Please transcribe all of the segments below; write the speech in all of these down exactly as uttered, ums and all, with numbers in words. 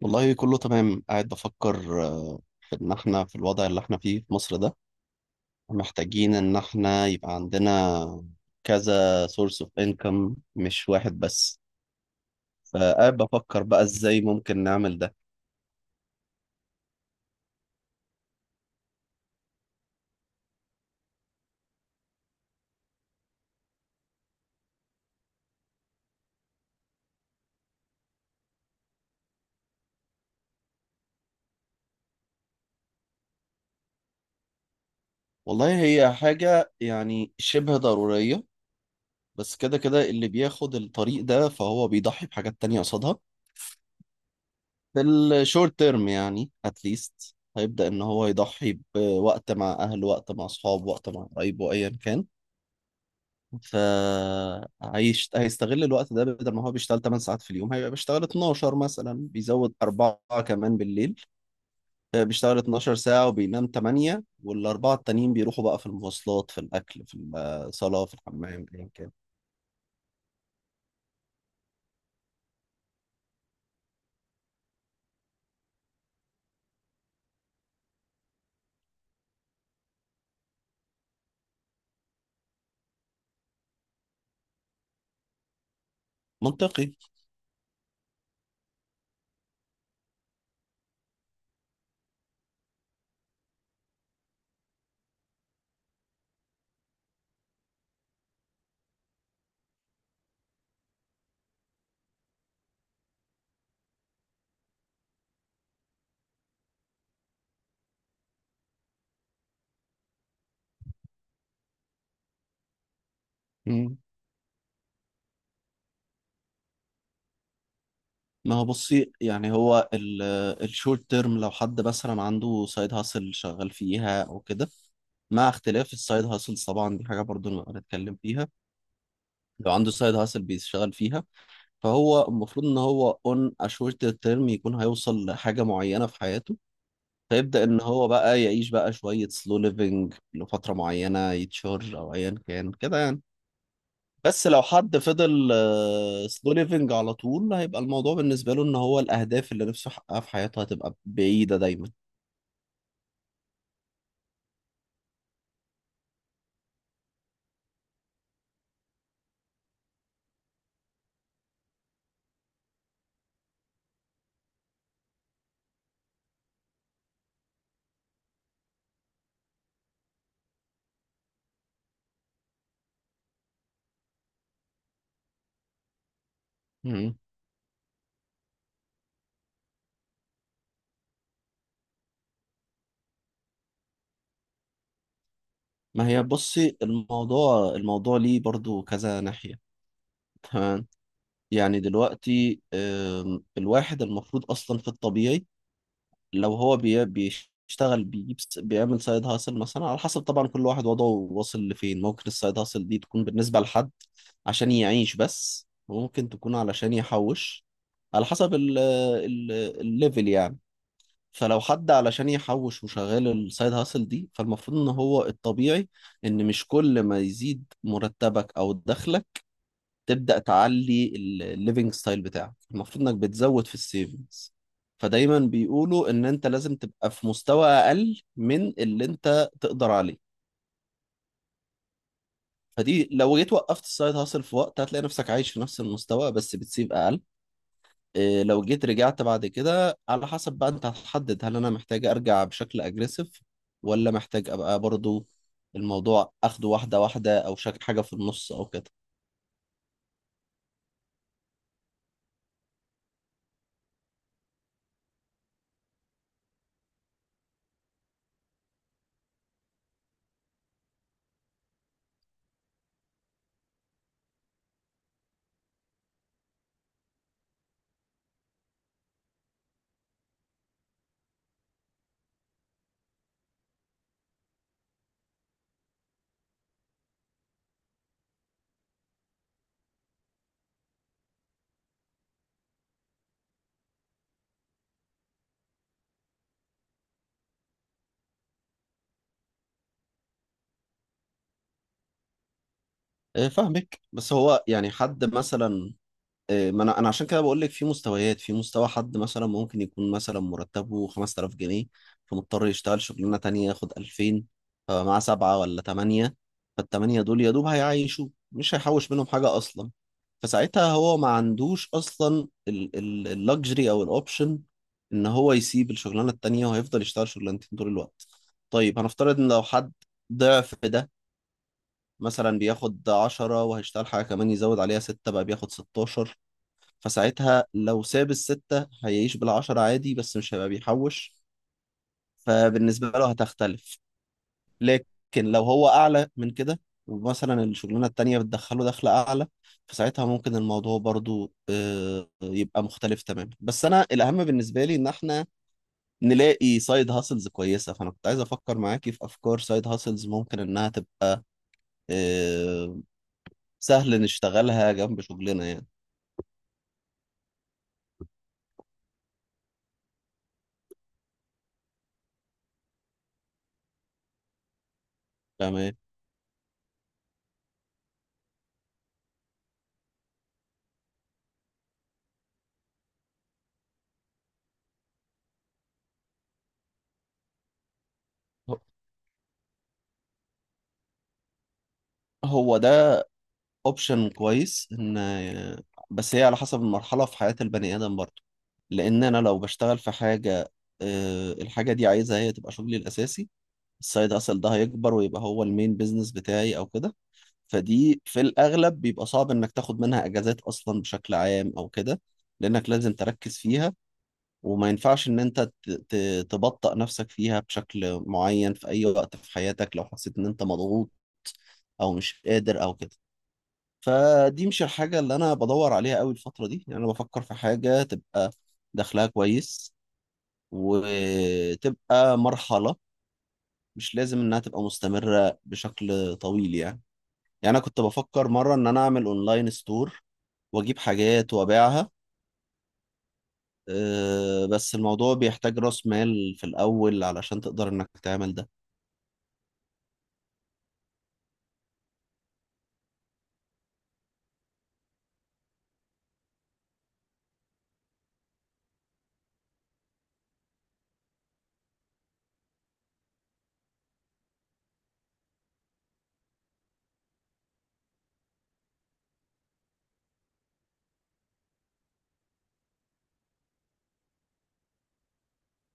والله كله تمام. قاعد بفكر آه، في ان احنا في الوضع اللي احنا فيه في مصر ده، محتاجين ان احنا يبقى عندنا كذا سورس اوف انكم، مش واحد بس. فقاعد بفكر بقى ازاي ممكن نعمل ده. والله هي حاجة يعني شبه ضرورية. بس كده كده اللي بياخد الطريق ده فهو بيضحي بحاجات تانية قصادها. في الشورت تيرم يعني اتليست هيبدأ ان هو يضحي بوقت مع اهله، وقت مع اصحابه، وقت مع قرايبه، ايا كان. فهيشت... هيستغل الوقت ده. بدل ما هو بيشتغل 8 ساعات في اليوم هيبقى بيشتغل اتناشر مثلا، بيزود أربعة كمان بالليل. آه، بيشتغل 12 ساعة وبينام ثمانية، والأربعة التانيين بيروحوا بقى في المواصلات، في الأكل، في الصلاة، في الحمام، أيا كان. منطقي. مم. ما هو بصي، يعني هو الشورت تيرم لو حد مثلا عنده سايد هاسل شغال فيها او كده، مع اختلاف السايد هاسلز طبعا دي حاجه برضو نبقى نتكلم فيها. لو عنده سايد هاسل بيشتغل فيها فهو المفروض ان هو اون اشورت تيرم يكون هيوصل لحاجه معينه في حياته، فيبدا ان هو بقى يعيش بقى شويه سلو ليفنج لفتره معينه، يتشهر او ايا كان كده يعني. بس لو حد فضل سلو ليفنج على طول، هيبقى الموضوع بالنسبه له ان هو الاهداف اللي نفسه يحققها في حياته هتبقى بعيده دايما. مم. ما هي بصي، الموضوع الموضوع ليه برضو كذا ناحيه. تمام. يعني دلوقتي آم، الواحد المفروض اصلا في الطبيعي، لو هو بي- بيشتغل بيجيب س- بيعمل سايد هاسل مثلا، على حسب طبعا كل واحد وضعه، واصل لفين. ممكن السايد هاسل دي تكون بالنسبة لحد عشان يعيش بس، وممكن تكون علشان يحوش، على حسب ال ال الليفل يعني. فلو حد علشان يحوش وشغال السايد هاسل دي، فالمفروض ان هو الطبيعي ان مش كل ما يزيد مرتبك او دخلك تبدأ تعلي الليفنج ستايل بتاعك، المفروض انك بتزود في السيفنجز. فدايما بيقولوا ان انت لازم تبقى في مستوى اقل من اللي انت تقدر عليه. فدي لو جيت وقفت السايد هاسل في وقت، هتلاقي نفسك عايش في نفس المستوى بس بتسيب اقل. إيه لو جيت رجعت بعد كده، على حسب بقى انت هتحدد، هل انا محتاج ارجع بشكل اجريسيف، ولا محتاج ابقى برضو الموضوع اخده واحدة واحدة، او شك حاجة في النص او كده. إيه فاهمك، بس هو يعني حد مثلا، إيه، ما انا انا عشان كده بقول لك، في مستويات. في مستوى حد مثلا ممكن يكون مثلا مرتبه خمسة آلاف جنيه، فمضطر يشتغل شغلانه تانية ياخد ألفين، فمعاه سبعه ولا ثمانيه. فالثمانيه دول يا دوب هيعيشوا، مش هيحوش منهم حاجه اصلا. فساعتها هو ما عندوش اصلا اللكجري او الاوبشن ان هو يسيب الشغلانه التانية، وهيفضل يشتغل شغلانتين طول الوقت. طيب، هنفترض ان لو حد ضعف ده، مثلا بياخد عشرة وهيشتغل حاجه كمان يزود عليها ستة، بقى بياخد ستة عشر. فساعتها لو ساب الستة هيعيش بالعشرة عادي، بس مش هيبقى بيحوش. فبالنسبة له هتختلف. لكن لو هو أعلى من كده، ومثلا الشغلانة التانية بتدخله دخل أعلى، فساعتها ممكن الموضوع برضو آه، يبقى مختلف تماما. بس أنا الأهم بالنسبة لي إن إحنا نلاقي سايد هاسلز كويسة، فأنا كنت عايز أفكر معاكي في أفكار سايد هاسلز ممكن إنها تبقى آه، سهل نشتغلها جنب شغلنا يعني. تمام. هو ده اوبشن كويس، ان بس هي على حسب المرحله في حياه البني ادم برضه. لان انا لو بشتغل في حاجه، آه، الحاجه دي عايزها هي تبقى شغلي الاساسي، السايد اصل ده هيكبر ويبقى هو المين بيزنس بتاعي او كده. فدي في الاغلب بيبقى صعب انك تاخد منها اجازات اصلا بشكل عام او كده، لانك لازم تركز فيها، وما ينفعش ان انت ت- ت- تبطأ نفسك فيها بشكل معين في اي وقت في حياتك لو حسيت ان انت مضغوط او مش قادر او كده. فدي مش الحاجة اللي أنا بدور عليها قوي الفترة دي. يعني أنا بفكر في حاجة تبقى دخلها كويس، وتبقى مرحلة، مش لازم إنها تبقى مستمرة بشكل طويل يعني. يعني أنا كنت بفكر مرة إن أنا أعمل أونلاين ستور، وأجيب حاجات وأبيعها. أه، بس الموضوع بيحتاج رأس مال في الأول علشان تقدر إنك تعمل ده.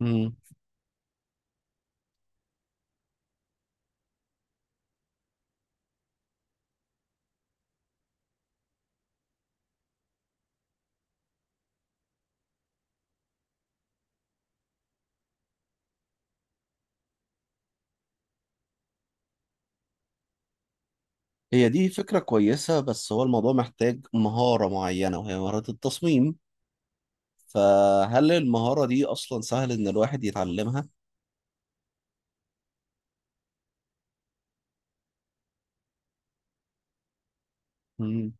مم. هي دي فكرة كويسة، بس هو الموضوع محتاج مهارة معينة وهي مهارة التصميم، فهل المهارة دي أصلا سهل إن الواحد يتعلمها؟ مم.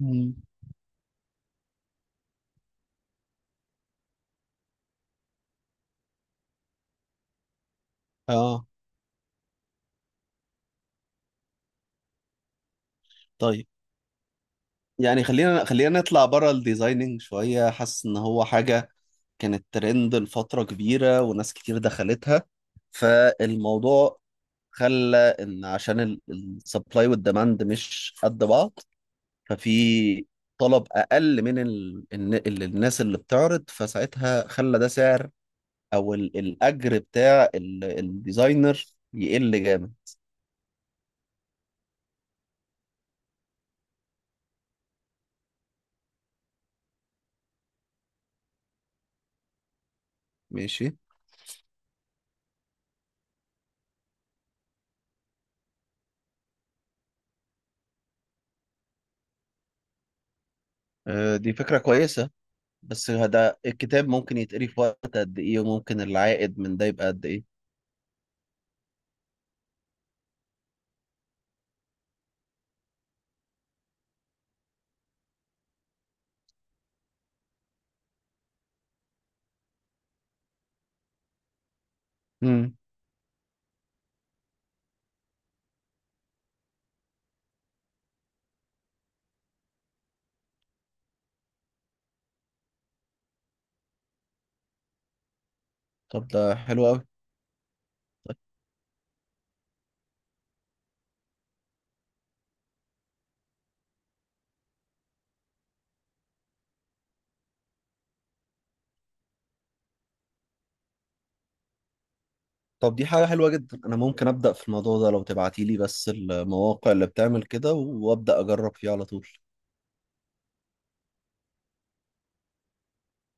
مم. اه. طيب. يعني خلينا خلينا نطلع بره الديزايننج شوية. حاسس ان هو حاجة كانت ترند لفترة كبيرة وناس كتير دخلتها، فالموضوع خلى ان عشان السبلاي والديماند مش قد بعض، ففي طلب اقل من ال... الن- ال- الناس اللي بتعرض، فساعتها خلى ده سعر او ال... الاجر بتاع ال... الديزاينر يقل جامد. ماشي. آه، دي فكرة كويسة، بس ده الكتاب ممكن يتقري في وقت قد ايه؟ وممكن العائد من ده يبقى قد ايه؟ امم. طب ده حلو قوي. طب دي حاجة حلوة جدا، انا ممكن ابدأ في الموضوع ده لو تبعتيلي بس المواقع اللي بتعمل كده، وابدأ اجرب فيه على طول